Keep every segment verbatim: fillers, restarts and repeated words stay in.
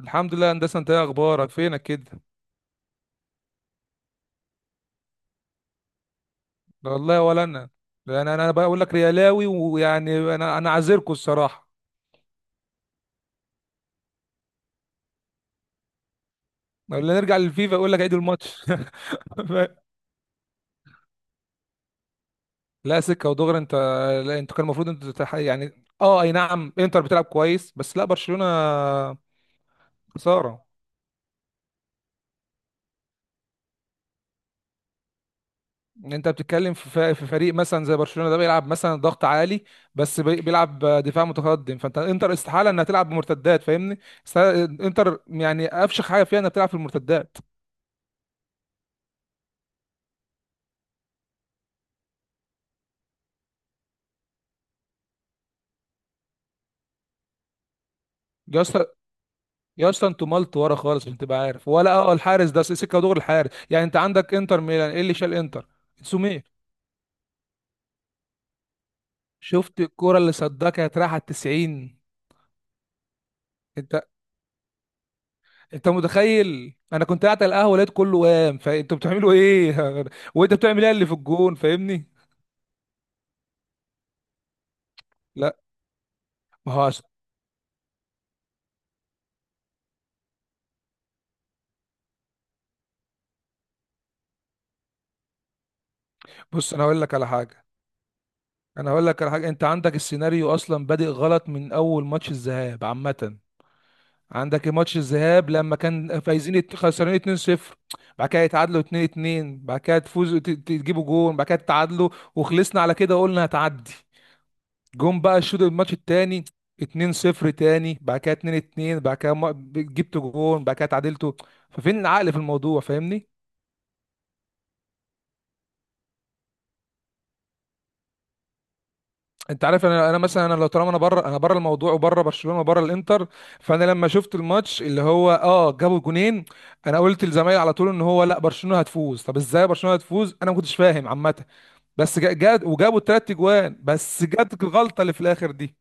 الحمد لله يا هندسه. انت ايه اخبارك فينك كده لا والله ولا انا. لان انا بقى اقول لك ريالاوي ويعني انا انا عذركوا الصراحه. ولا نرجع للفيفا اقول لك عيد الماتش. لا سكه ودغري انت. لا انت كان المفروض انت تتح... يعني اه اي نعم، انتر بتلعب كويس، بس لا برشلونه. خساره. انت بتتكلم في ف- في فريق مثلا زي برشلونه، ده بيلعب مثلا ضغط عالي، بس بي- بيلعب دفاع متقدم، فانت انتر استحاله انها تلعب بمرتدات فاهمني. استحالة- انتر يعني افشخ حاجه فيها انها بتلعب في المرتدات. جاست. يا اسطى انتوا مالت ورا خالص عشان تبقى عارف، ولا اه، الحارس ده سيكا دور الحارس. يعني انت عندك انتر ميلان، ايه اللي شال انتر؟ سومير. شفت الكرة اللي صدها؟ راح على تسعين. انت انت متخيل؟ انا كنت قاعد على القهوه لقيت كله قام، فانتوا بتعملوا ايه؟ وانت بتعمل ايه اللي في الجون فاهمني؟ لا ما هو أصل- بص انا هقول لك على حاجه. انا هقول لك على حاجه، انت عندك السيناريو اصلا بادئ غلط من اول ماتش الذهاب عامه. عندك ماتش الذهاب لما كان فايزين ات- خسرانين اتنين صفر، بعد كده يتعادلوا اتنين اتنين، بعد كده تفوزوا ت- ت- تجيبوا جون بعد كده تتعادلوا، وخلصنا على كده وقلنا هتعدي. جون بقى الشوط الماتش التاني اتنين صفر تاني، بعد كده اتنين اتنين، بعد كده ما- جبتوا جون بعد كده تعادلتوا. ففين العقل في الموضوع فاهمني؟ انت عارف انا انا مثلا، انا لو طالما انا بره، انا بره الموضوع وبره برشلونه وبره الانتر. فانا لما شفت الماتش اللي هو اه جابوا جونين، انا قلت لزمايلي على طول ان هو لا برشلونه هتفوز. طب ازاي برشلونه هتفوز؟ انا ما كنتش فاهم عامه. بس جا- جاد وجابوا الثلاث اجوان، بس جت الغلطه اللي في الاخر دي.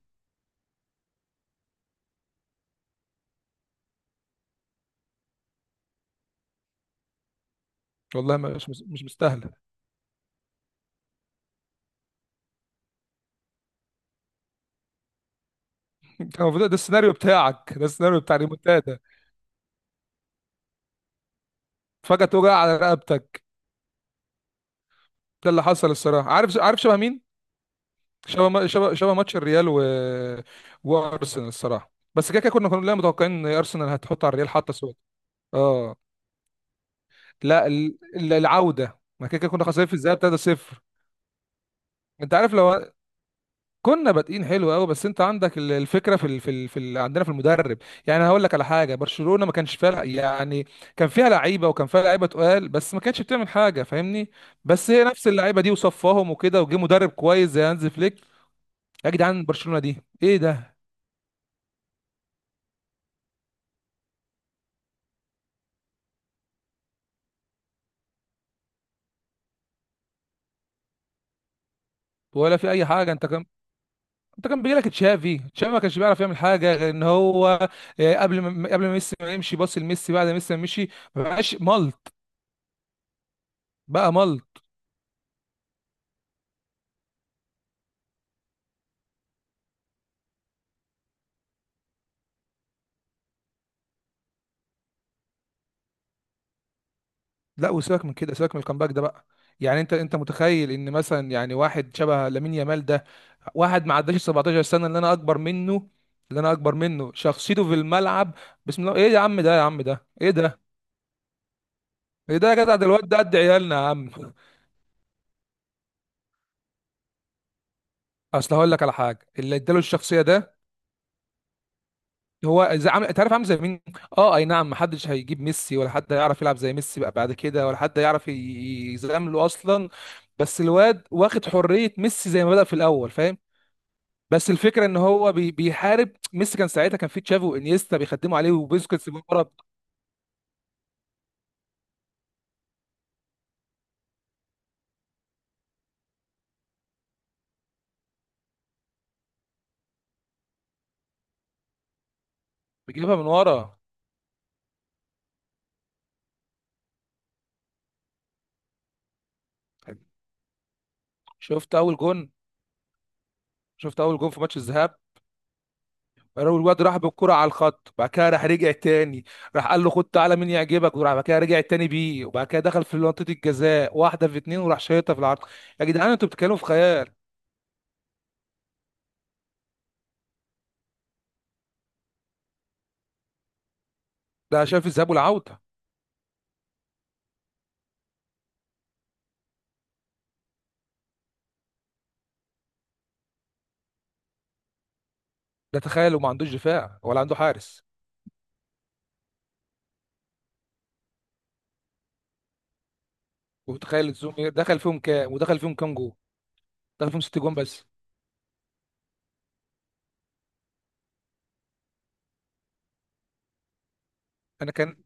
والله ما- مش مش مستاهله. انت كان المفروض ده السيناريو بتاعك، ده السيناريو بتاع ريمونتادا. فجاه توجع على رقبتك. ده اللي حصل الصراحه. عارف عارف شبه مين؟ شبه ما- شبه شبه ماتش الريال و... وارسنال الصراحه. بس كده كده كنا كلنا متوقعين ان ارسنال هتحط على الريال حتى سود. اه. لا ال- ال- العوده ما كده كده كنا خسرانين في الذهاب تلاتة صفر. انت عارف، لو كنا بادئين حلو قوي، بس انت عندك ال- الفكره في ال... في ال... في ال... عندنا في المدرب. يعني هقول لك على حاجه، برشلونه ما كانش فيها يعني. كان فيها لعيبه، وكان فيها لعيبه تقال، بس ما كانتش بتعمل حاجه فاهمني. بس هي نفس اللعيبه دي وصفاهم وكده، وجه مدرب كويس زي هانز فليك. يا جدعان برشلونه دي ايه ده! ولا في اي حاجه انت. انت كان بيجي لك تشافي، تشافي ما كانش بيعرف يعمل حاجه غير ان هو آه، قبل ما قبل ما ميسي ما يمشي باص لميسي، بعد ما ميسي ما مشي ما بقاش ملط. بقى ملط. لا وسيبك من كده، سيبك من الكامباك ده بقى. يعني انت انت متخيل ان مثلا يعني واحد شبه لامين يامال ده؟ واحد ما عداش سبعتاشر سنه، اللي انا اكبر منه، اللي انا اكبر منه شخصيته في الملعب. بسم الله، ايه يا عم ده، يا عم ده ايه ده! ايه ده يا جدع، ده الواد ده قد عيالنا يا عم. اصل هقول لك على حاجه اللي اداله الشخصيه ده. هو زي عامل، انت عارف عامل زي مين؟ اه اي نعم، محدش هيجيب ميسي، ولا حد هيعرف يلعب زي ميسي بقى بعد كده، ولا حد يعرف يزامله اصلا. بس الواد واخد حرية ميسي زي ما بدأ في الاول فاهم. بس الفكرة ان هو بي بيحارب ميسي كان ساعتها كان في تشافي وانيستا بيخدموا عليه وبيسكتس من ورا. بيجيبها من ورا. شفت اول جون؟ شفت اول جون في ماتش الذهاب؟ راح- الواد راح بالكرة على الخط، بعد كده راح رجع تاني، راح قال له خد تعالى مين يعجبك، وراح بعد كده رجع تاني بيه، وبعد كده دخل في منطقة الجزاء واحدة في اتنين وراح شايطها في العرض. يا جدعان انتوا بتتكلموا في خيال. ده شايف الذهاب والعودة. ده تخيل، وما عندوش دفاع ولا عنده حارس. وتخيل الزوم دخل فيهم كام، ودخل فيهم كام جول؟ دخل فيهم ست جون بس. انا كان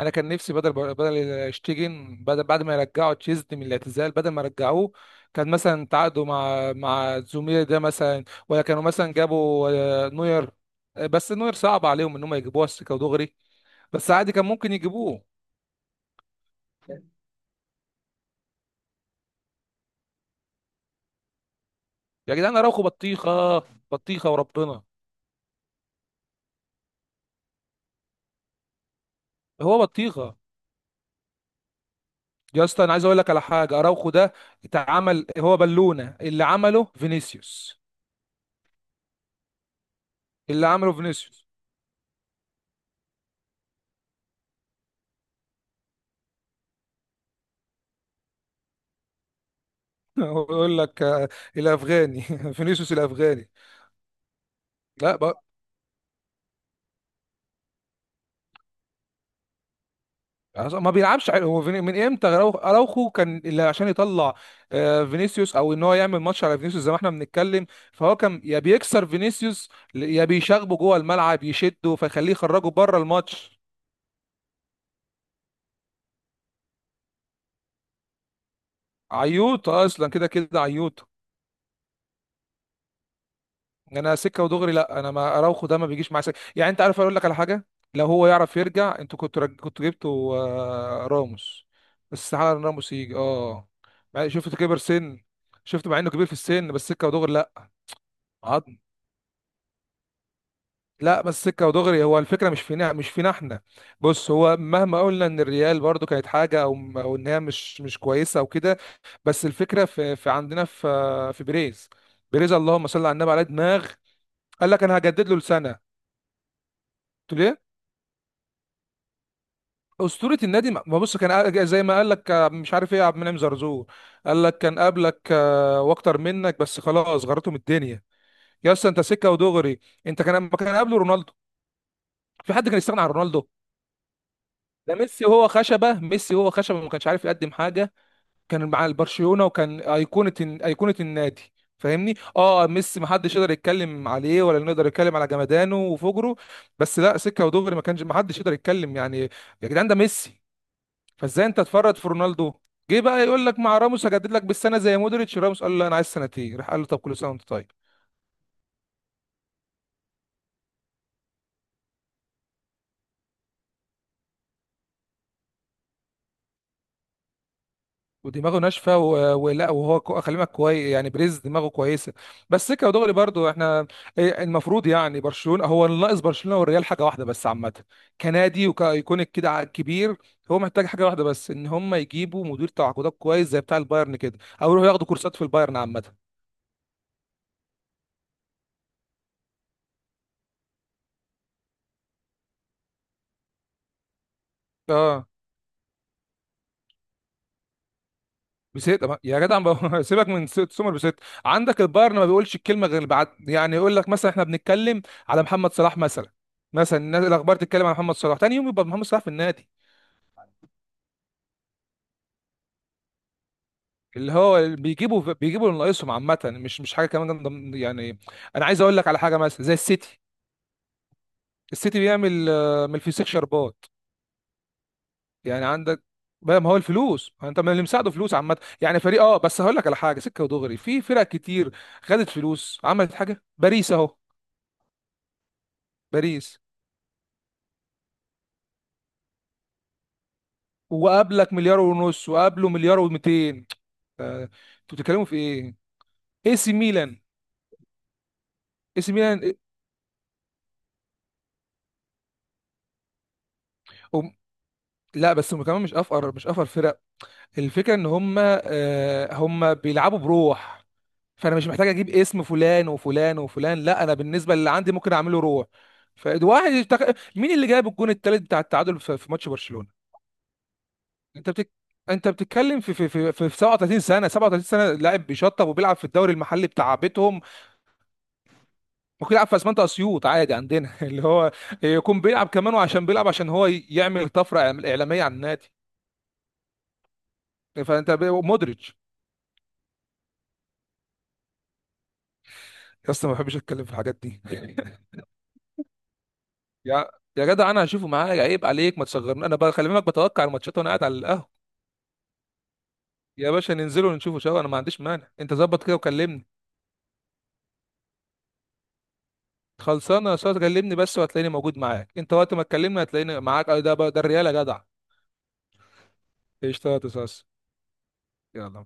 انا كان نفسي بدل بدل شتيجن، بدل بعد ما يرجعوا تشيزني من الاعتزال، بدل ما رجعوه كان مثلا تعاقدوا مع مع زومير ده مثلا، ولا كانوا مثلا جابوا آه، نوير. آه، بس نوير صعب عليهم ان هم يجيبوه على السكه ودغري، بس عادي كان ممكن يجيبوه. يا جدعان اراوخو بطيخه. بطيخه وربنا. هو بطيخه. يا اسطى انا عايز اقول لك على حاجه، اراوخو ده اتعمل هو بالونه اللي عمله فينيسيوس. اللي عمله فينيسيوس. هو يقول لك آه، الافغاني. فينيسيوس الافغاني. لا عص- ما بيلعبش حلو. هو فيني- من امتى أراو- اراوخو كان اللي عشان يطلع آه، فينيسيوس، او ان هو يعمل ماتش على فينيسيوس زي ما احنا بنتكلم. فهو كان يا بيكسر فينيسيوس، ل- يا بيشاغبه جوه الملعب يشده فيخليه يخرجه بره الماتش. عيوط اصلا كده كده عيوط. انا سكه ودغري، لا انا ما اراوخو ده ما بيجيش معايا سكه، يعني انت عارف اقول لك على حاجه، لو هو يعرف يرجع انتوا كنتوا رج... كنتوا جبتوا آه، راموس. بس على إن راموس يجي اه. شفت كبر سن؟ شفت مع انه كبير في السن بس سكه ودغري. لا. لا بس سكه ودغري، هو الفكره مش فينا مش فينا احنا. بص، هو مهما قلنا ان الريال برضو كانت حاجه، او او ان هي مش مش كويسه او كده، بس الفكره في, في عندنا في في بيريز. بيريز، اللهم صل على النبي، على دماغ قال لك انا هجدد له لسنه. قلت له ليه؟ اسطوره النادي. ما ما بص كان قال- زي ما قال لك آه، مش عارف ايه، عبد المنعم زرزور قال لك كان قبلك آه، واكتر منك، بس خلاص غرتهم الدنيا. يا اسطى انت سكه ودغري. انت كان ما كان قبله رونالدو، في حد كان يستغنى عن رونالدو؟ ده ميسي هو خشبه، ميسي هو خشبه ما كانش عارف يقدم حاجه، كان مع البرشلونه وكان ايقونه، ايقونه النادي فاهمني. اه ميسي ما حدش يقدر يتكلم عليه، ولا نقدر يتكلم على جمدانه وفجره، بس لا سكه ودغري، ما كانش ما حدش يقدر يتكلم يعني. يا جدعان ده ميسي. فازاي انت تفرط في رونالدو؟ جه بقى يقول لك مع راموس هجدد لك بالسنه زي مودريتش. راموس قال له لا انا عايز سنتين، راح قال له طب كل سنه وانت طيب. ودماغه ناشفه، و- ولا وهو كو- خلي بالك كويس، يعني بريز دماغه كويسه. بس سكه ودغري برضو احنا إيه المفروض، يعني برشلونه هو اللي ناقص برشلونه والريال حاجه واحده بس عامه. كنادي وكايكونيك كده ع- كبير، هو محتاج حاجه واحده بس، ان هم يجيبوا مدير تعاقدات كويس زي بتاع البايرن كده، او يروحوا ياخدوا كورسات في البايرن عامه. اه بسيت. أما- يا جدع ما- سيبك من س- سومر بسيت. عندك البايرن ما بيقولش الكلمه غير بعد، يعني يقول لك مثلا احنا بنتكلم على محمد صلاح مثلا، مثلا الناس- الاخبار تتكلم على محمد صلاح، تاني يوم يبقى محمد صلاح في النادي. اللي هو بيجيبوا بيجيبوا اللي ناقصهم عامة، مش مش حاجة كمان ضمن- يعني. أنا عايز أقول لك على حاجة مثلا زي السيتي. السيتي بيعمل آه، من الفسيخ شربات. يعني عندك بقى، ما هو الفلوس، ما انت من اللي مساعده فلوس عامة، يعني فريق اه، بس هقول لك على حاجة سكة ودغري، في فرق كتير خدت فلوس عملت حاجة، باريس اهو. باريس، وقابلك مليار ونص، وقابله مليار و200. انتوا بتتكلموا في ايه؟ اي سي ميلان. اي سي ميلان إيه؟ هم- لا بس هم كمان مش افقر، مش افقر فرقة. الفكرة ان هم آه، هم بيلعبوا بروح. فانا مش محتاج اجيب اسم فلان وفلان وفلان، لا انا بالنسبة اللي عندي ممكن اعمله روح. فواحد يشتغل مين اللي جاب الجون الثالث بتاع التعادل في في ماتش برشلونة. انت بتك... انت بتتكلم في في في في سبعة وتلاتين سنة، سبعة وتلاتين سنة لاعب بيشطب وبيلعب في الدوري المحلي بتاع بيتهم. ممكن يلعب في اسمنت اسيوط عادي عندنا اللي هو يكون بيلعب كمان، وعشان بيلعب عشان هو يعمل طفرة اعلامية على النادي. فانت ب- مودريتش. يا اسطى ما بحبش اتكلم في الحاجات دي. يا يا جدع انا هشوفه معايا، عيب عليك ما تصغرني، انا بقى خلي بالك بتوقع الماتشات وانا قاعد على القهوه. يا باشا ننزل ونشوفه سوا انا ما عنديش مانع، انت ظبط كده وكلمني. خلصانه يا استاذ، كلمني بس وهتلاقيني موجود معاك، انت وقت ما تكلمني هتلاقيني معاك. أه، ده بقى- ده الريال يا جدع. قشطه يا استاذ. يلا.